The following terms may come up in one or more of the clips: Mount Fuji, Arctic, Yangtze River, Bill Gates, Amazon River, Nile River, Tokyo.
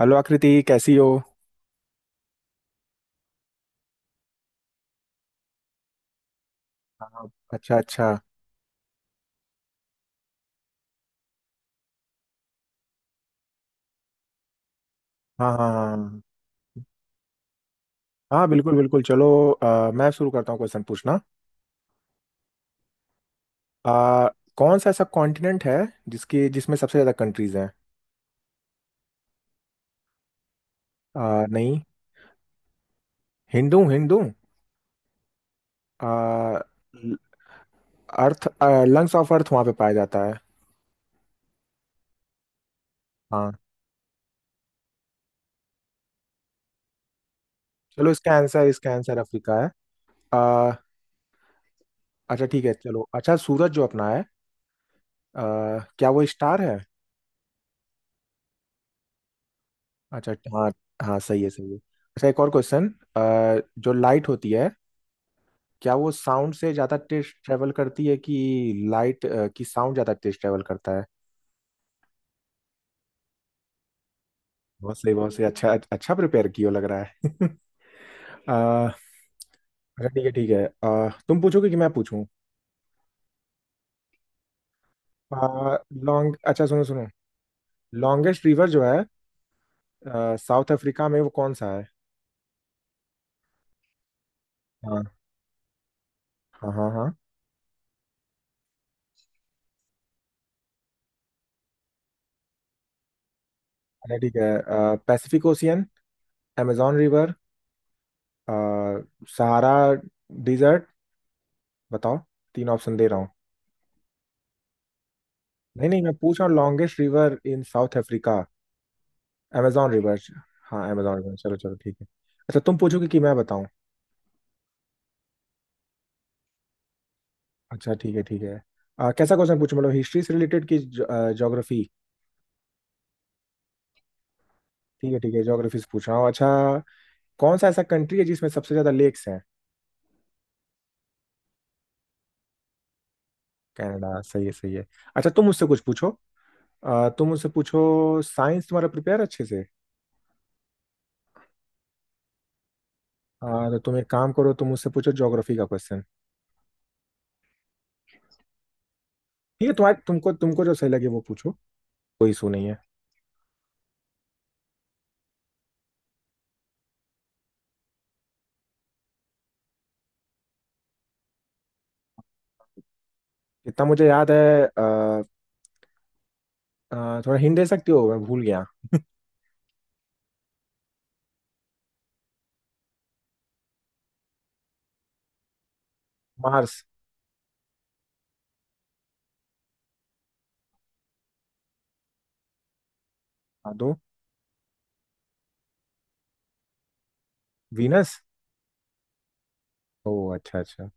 Hello Aakriti कैसी हो। हाँ, अच्छा अच्छा। हाँ हाँ हाँ हाँ। हाँ, बिल्कुल बिल्कुल, चलो मैं शुरू करता हूँ क्वेश्चन पूछना। अ, कौन सा ऐसा कॉन्टिनेंट है जिसके जिसमें सबसे ज़्यादा कंट्रीज हैं? नहीं। हिंदू हूँ, हिंदू हूँ। अ, ल- अर्थ लंग्स ऑफ अर्थ वहाँ पे पाया जाता है। हाँ। चलो, इसका आंसर अफ्रीका है। अ, अच्छा ठीक है चलो। अच्छा, सूरज जो अपना है, अ, क्या वो स्टार है? अच्छा हाँ। हाँ सही है सही है। अच्छा, एक और क्वेश्चन। जो लाइट होती है, क्या वो साउंड से ज्यादा तेज ट्रेवल करती है कि लाइट की साउंड ज्यादा तेज ट्रेवल करता है? बहुत सही बहुत सही। अच्छा अच्छा प्रिपेयर किया लग रहा है। आ, अच्छा ठीक है ठीक है। तुम पूछोगे कि मैं पूछूं? आ, लॉन्ग अच्छा सुनो सुनो। लॉन्गेस्ट रिवर जो है साउथ अफ्रीका में, वो कौन सा है? हाँ हाँ हाँ हाँ। अच्छा ठीक है। Pacific Ocean, amazon river, Sahara desert. बताओ, तीन ऑप्शन दे रहा हूँ। नहीं नहीं, मैं पूछ रहा हूँ longest river in South Africa. Amazon river. हाँ अमेजोन रिवर, चलो चलो ठीक है। अच्छा, तुम पूछोगे कि मैं बताऊं? अच्छा ठीक है ठीक है। कैसा क्वेश्चन पूछूं, मतलब हिस्ट्री से रिलेटेड कि ज्योग्राफी? ठीक है ठीक है, ज्योग्राफी से पूछ रहा हूँ। अच्छा, कौन सा ऐसा कंट्री है जिसमें सबसे ज्यादा लेक्स हैं? कनाडा सही है सही है। अच्छा, तुम मुझसे कुछ पूछो। तुम मुझसे पूछो। साइंस तुम्हारा प्रिपेयर अच्छे से? तो तुम एक काम करो, तुम मुझसे पूछो ज्योग्राफी का क्वेश्चन। ठीक है, तुम्हारे तुमको तुमको जो सही लगे वो पूछो। कोई इशू नहीं है। इतना मुझे याद है। आ, आ, थोड़ा हिंट दे सकती हो, मैं भूल गया? मार्स। हाँ दो। वीनस। ओ अच्छा अच्छा।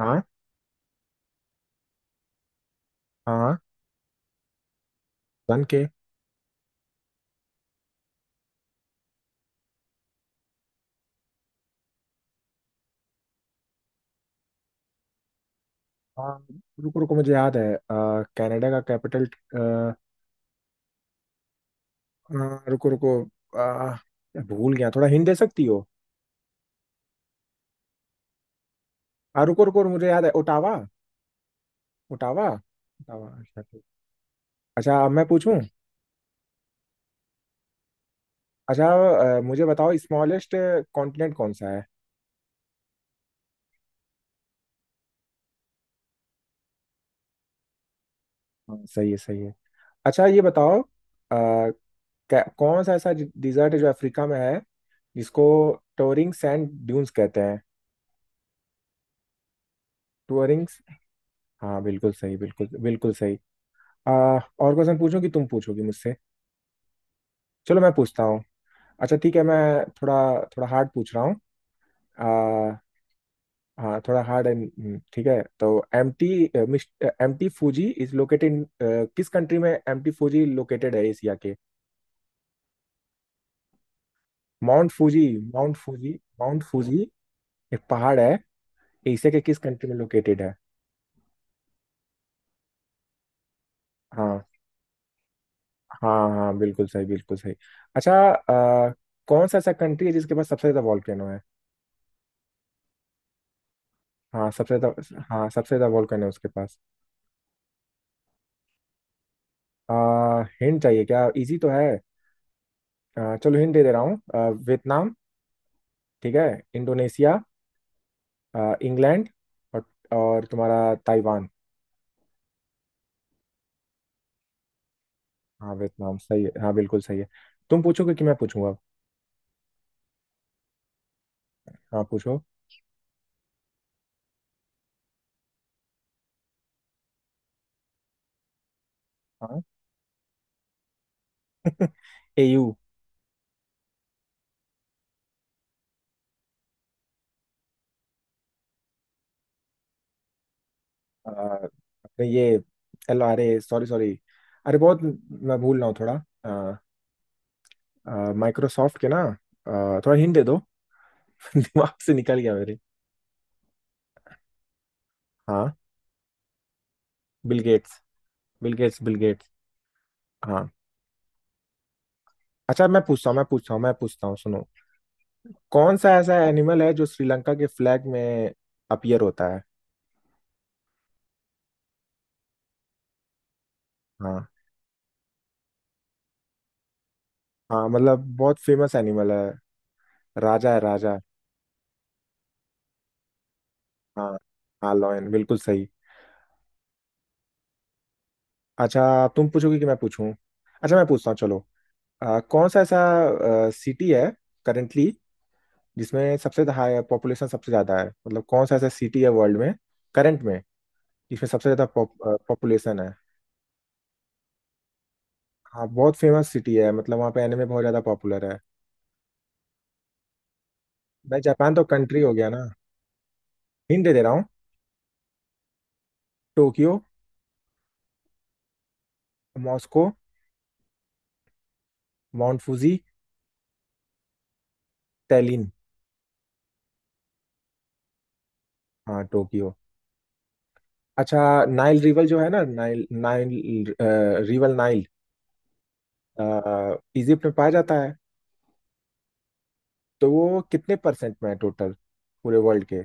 हाँ हाँ हाँ। सन के। आ, रुको रुको, मुझे याद है। कनाडा का कैपिटल। रुको रुको। आ, भूल गया, थोड़ा हिंट दे सकती हो? रुको रुको, मुझे याद है, ओटावा। ओटावा। ओटावा अच्छा ठीक। अच्छा अब मैं पूछूं। अच्छा, मुझे बताओ, स्मॉलेस्ट कॉन्टिनेंट कौन सा है? हाँ सही है सही है। अच्छा ये बताओ, कौन सा ऐसा डिजर्ट है जो अफ्रीका में है, जिसको टोरिंग सैंड ड्यून्स कहते हैं? टूरिंग। हाँ बिल्कुल सही, बिल्कुल बिल्कुल सही। आ, और क्वेश्चन पूछूं कि तुम पूछोगी मुझसे? चलो मैं पूछता हूँ। अच्छा ठीक है, मैं थोड़ा थोड़ा हार्ड पूछ रहा हूँ। आ, हाँ थोड़ा हार्ड एंड ठीक है तो। MT MT Fuji is located in किस कंट्री में एमटी फूजी लोकेटेड है, एशिया के? Mount Fuji mount Fuji mount Fuji एक पहाड़ है। एशिया के किस कंट्री में लोकेटेड है? हाँ हाँ। हाँ बिल्कुल सही बिल्कुल सही। अच्छा, कौन सा ऐसा कंट्री है जिसके पास सबसे ज्यादा वॉल्केनो है? हाँ सबसे ज्यादा, हाँ सबसे ज्यादा वॉल्केनो है उसके पास। हिंट चाहिए क्या, इजी तो है। चलो हिंट दे दे रहा हूँ। वियतनाम, ठीक है, इंडोनेशिया, इंग्लैंड, और और तुम्हारा ताइवान। हाँ वियतनाम सही है, हाँ बिल्कुल सही है। तुम पूछोगे कि मैं पूछूंगा? हाँ पूछो। हाँ। एयू। अपने ये L R A, sorry sorry. अरे बहुत मैं भूल रहा हूँ थोड़ा। माइक्रोसॉफ्ट के ना, थोड़ा हिंट दे दो। दिमाग से निकल गया मेरे। हाँ, Bill Gates. Bill Gates Bill Gates. हाँ। अच्छा मैं पूछता हूँ, मैं पूछता हूँ, मैं पूछता हूँ, सुनो। कौन सा ऐसा एनिमल है जो श्रीलंका के फ्लैग में अपीयर होता है? हाँ हाँ मतलब बहुत फेमस एनिमल है। राजा है राजा। हाँ हाँ लॉयन बिल्कुल सही। अच्छा, तुम पूछोगे कि मैं पूछूं? अच्छा मैं पूछता हूँ चलो। कौन सा ऐसा सिटी है करेंटली जिसमें सबसे हाई पॉपुलेशन सबसे ज्यादा है, मतलब कौन सा ऐसा सिटी है वर्ल्ड में करंट में जिसमें सबसे ज्यादा पॉपुलेशन है? हाँ बहुत फेमस सिटी है, मतलब वहाँ पे एनिमे बहुत ज्यादा पॉपुलर है। भाई जापान तो कंट्री हो गया ना। हिंट दे दे रहा हूँ। Tokyo, Moscow, mount Fuji, Tallinn. हाँ टोक्यो। अच्छा, नाइल रिवर जो है ना Nile Nile river Nile Egypt में पाया जाता है, तो वो कितने परसेंट में है टोटल पूरे वर्ल्ड के?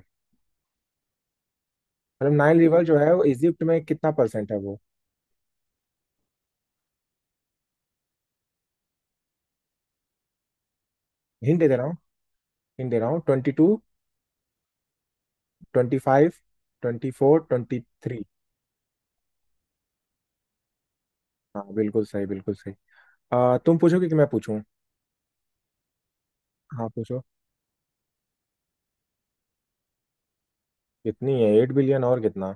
मतलब नाइल रिवर जो है, वो इजिप्ट में कितना परसेंट है वो? हिंट दे दे रहा हूँ। हिंट दे रहा हूँ, twenty two, twenty five, twenty four, twenty three. हाँ बिल्कुल सही बिल्कुल सही। तुम पूछोगे कि मैं पूछूं? हाँ पूछो। कितनी है, एट बिलियन और कितना।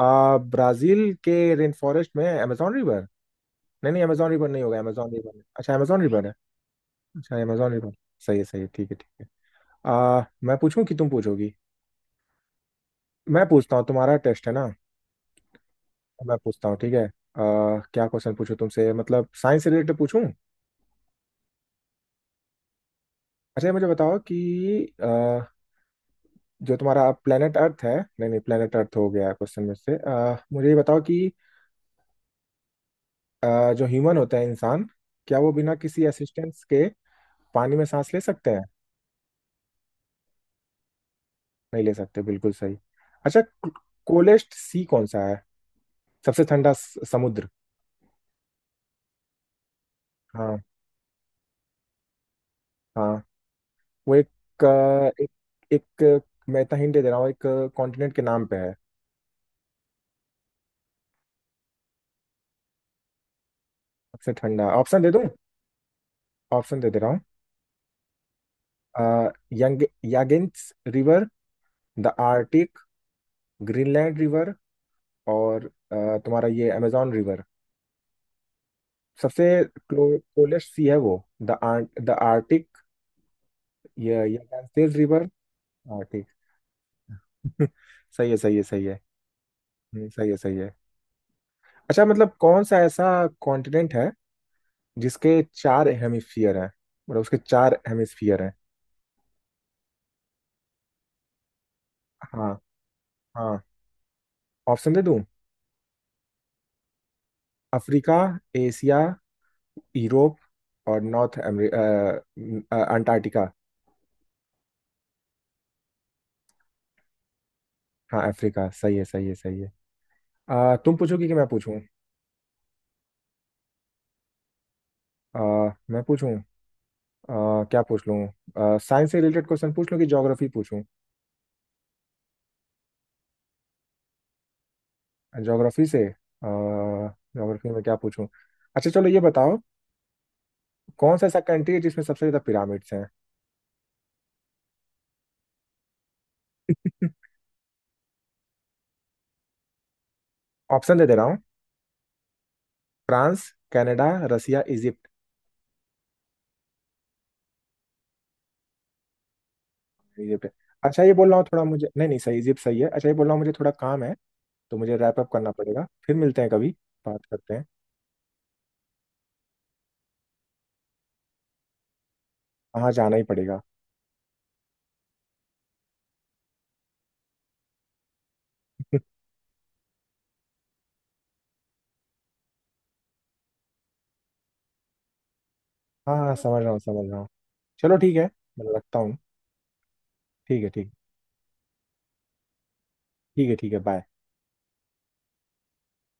ब्राजील के रेन फॉरेस्ट में amazon रिवर। नहीं नहीं amazon रिवर नहीं होगा, amazon रिवर नहीं। अच्छा amazon रिवर है। अच्छा amazon रिवर सही है सही है, ठीक है ठीक है। मैं पूछूं कि तुम पूछोगी? मैं पूछता हूँ, तुम्हारा टेस्ट है ना। मैं पूछता हूँ ठीक है। क्या क्वेश्चन पूछूं तुमसे, मतलब साइंस से रिलेटेड पूछूं? अच्छा ये मुझे बताओ कि आ, जो तुम्हारा planet अर्थ है, नहीं नहीं planet अर्थ हो गया क्वेश्चन में से। मुझे ये बताओ कि जो ह्यूमन होता है, इंसान, क्या वो बिना किसी असिस्टेंस के पानी में सांस ले सकते हैं? नहीं ले सकते बिल्कुल सही। अच्छा, कोलेस्ट सी कौन सा है? सबसे ठंडा समुद्र। हाँ। हाँ वो एक अ, एक, एक मैं इतना हिंट दे दे रहा हूँ, एक कॉन्टिनेंट के नाम पे है। सबसे ठंडा। ऑप्शन दे दूं? ऑप्शन दे दे रहा हूँ। यंग, यागिंस river, the Arctic, Greenland river, और तुम्हारा ये अमेजोन रिवर। सबसे कोलेस्ट सी है वो? द आर्टिक, ये यागिंस रिवर। आर्टिक। सही है सही है सही है। सही है सही है। अच्छा, मतलब कौन सा ऐसा कॉन्टिनेंट है जिसके चार हेमिस्फीयर हैं, मतलब उसके चार हेमिस्फीयर हैं? हाँ। हाँ। ऑप्शन दे दूं? अफ्रीका, एशिया, यूरोप, और नॉर्थ अंटार्कटिका। हाँ अफ्रीका सही है सही है सही है। तुम पूछोगी कि मैं पूछूं? अ, मैं पूछूं? अ, क्या पूछ लूं, साइंस से रिलेटेड क्वेश्चन पूछ लूं कि ज्योग्राफी पूछूं? ज्योग्राफी से, ज्योग्राफी में क्या पूछूं? अच्छा चलो ये बताओ, कौन सा ऐसा कंट्री है जिसमें सबसे ज्यादा पिरामिड्स हैं? ऑप्शन दे दे रहा हूँ। France, Canada, Russia, Egypt. Egypt है। अच्छा ये बोल रहा हूँ, थोड़ा मुझे, नहीं नहीं सही इजिप्ट सही है। अच्छा ये बोल रहा हूँ, मुझे थोड़ा काम है तो मुझे रैप अप करना पड़ेगा, फिर मिलते हैं कभी, बात करते हैं। हाँ जाना ही पड़ेगा। हाँ हाँ समझ रहा हूँ समझ रहा हूँ। चलो ठीक है, मैं रखता हूँ। ठीक है ठीक। ठीक है बाय।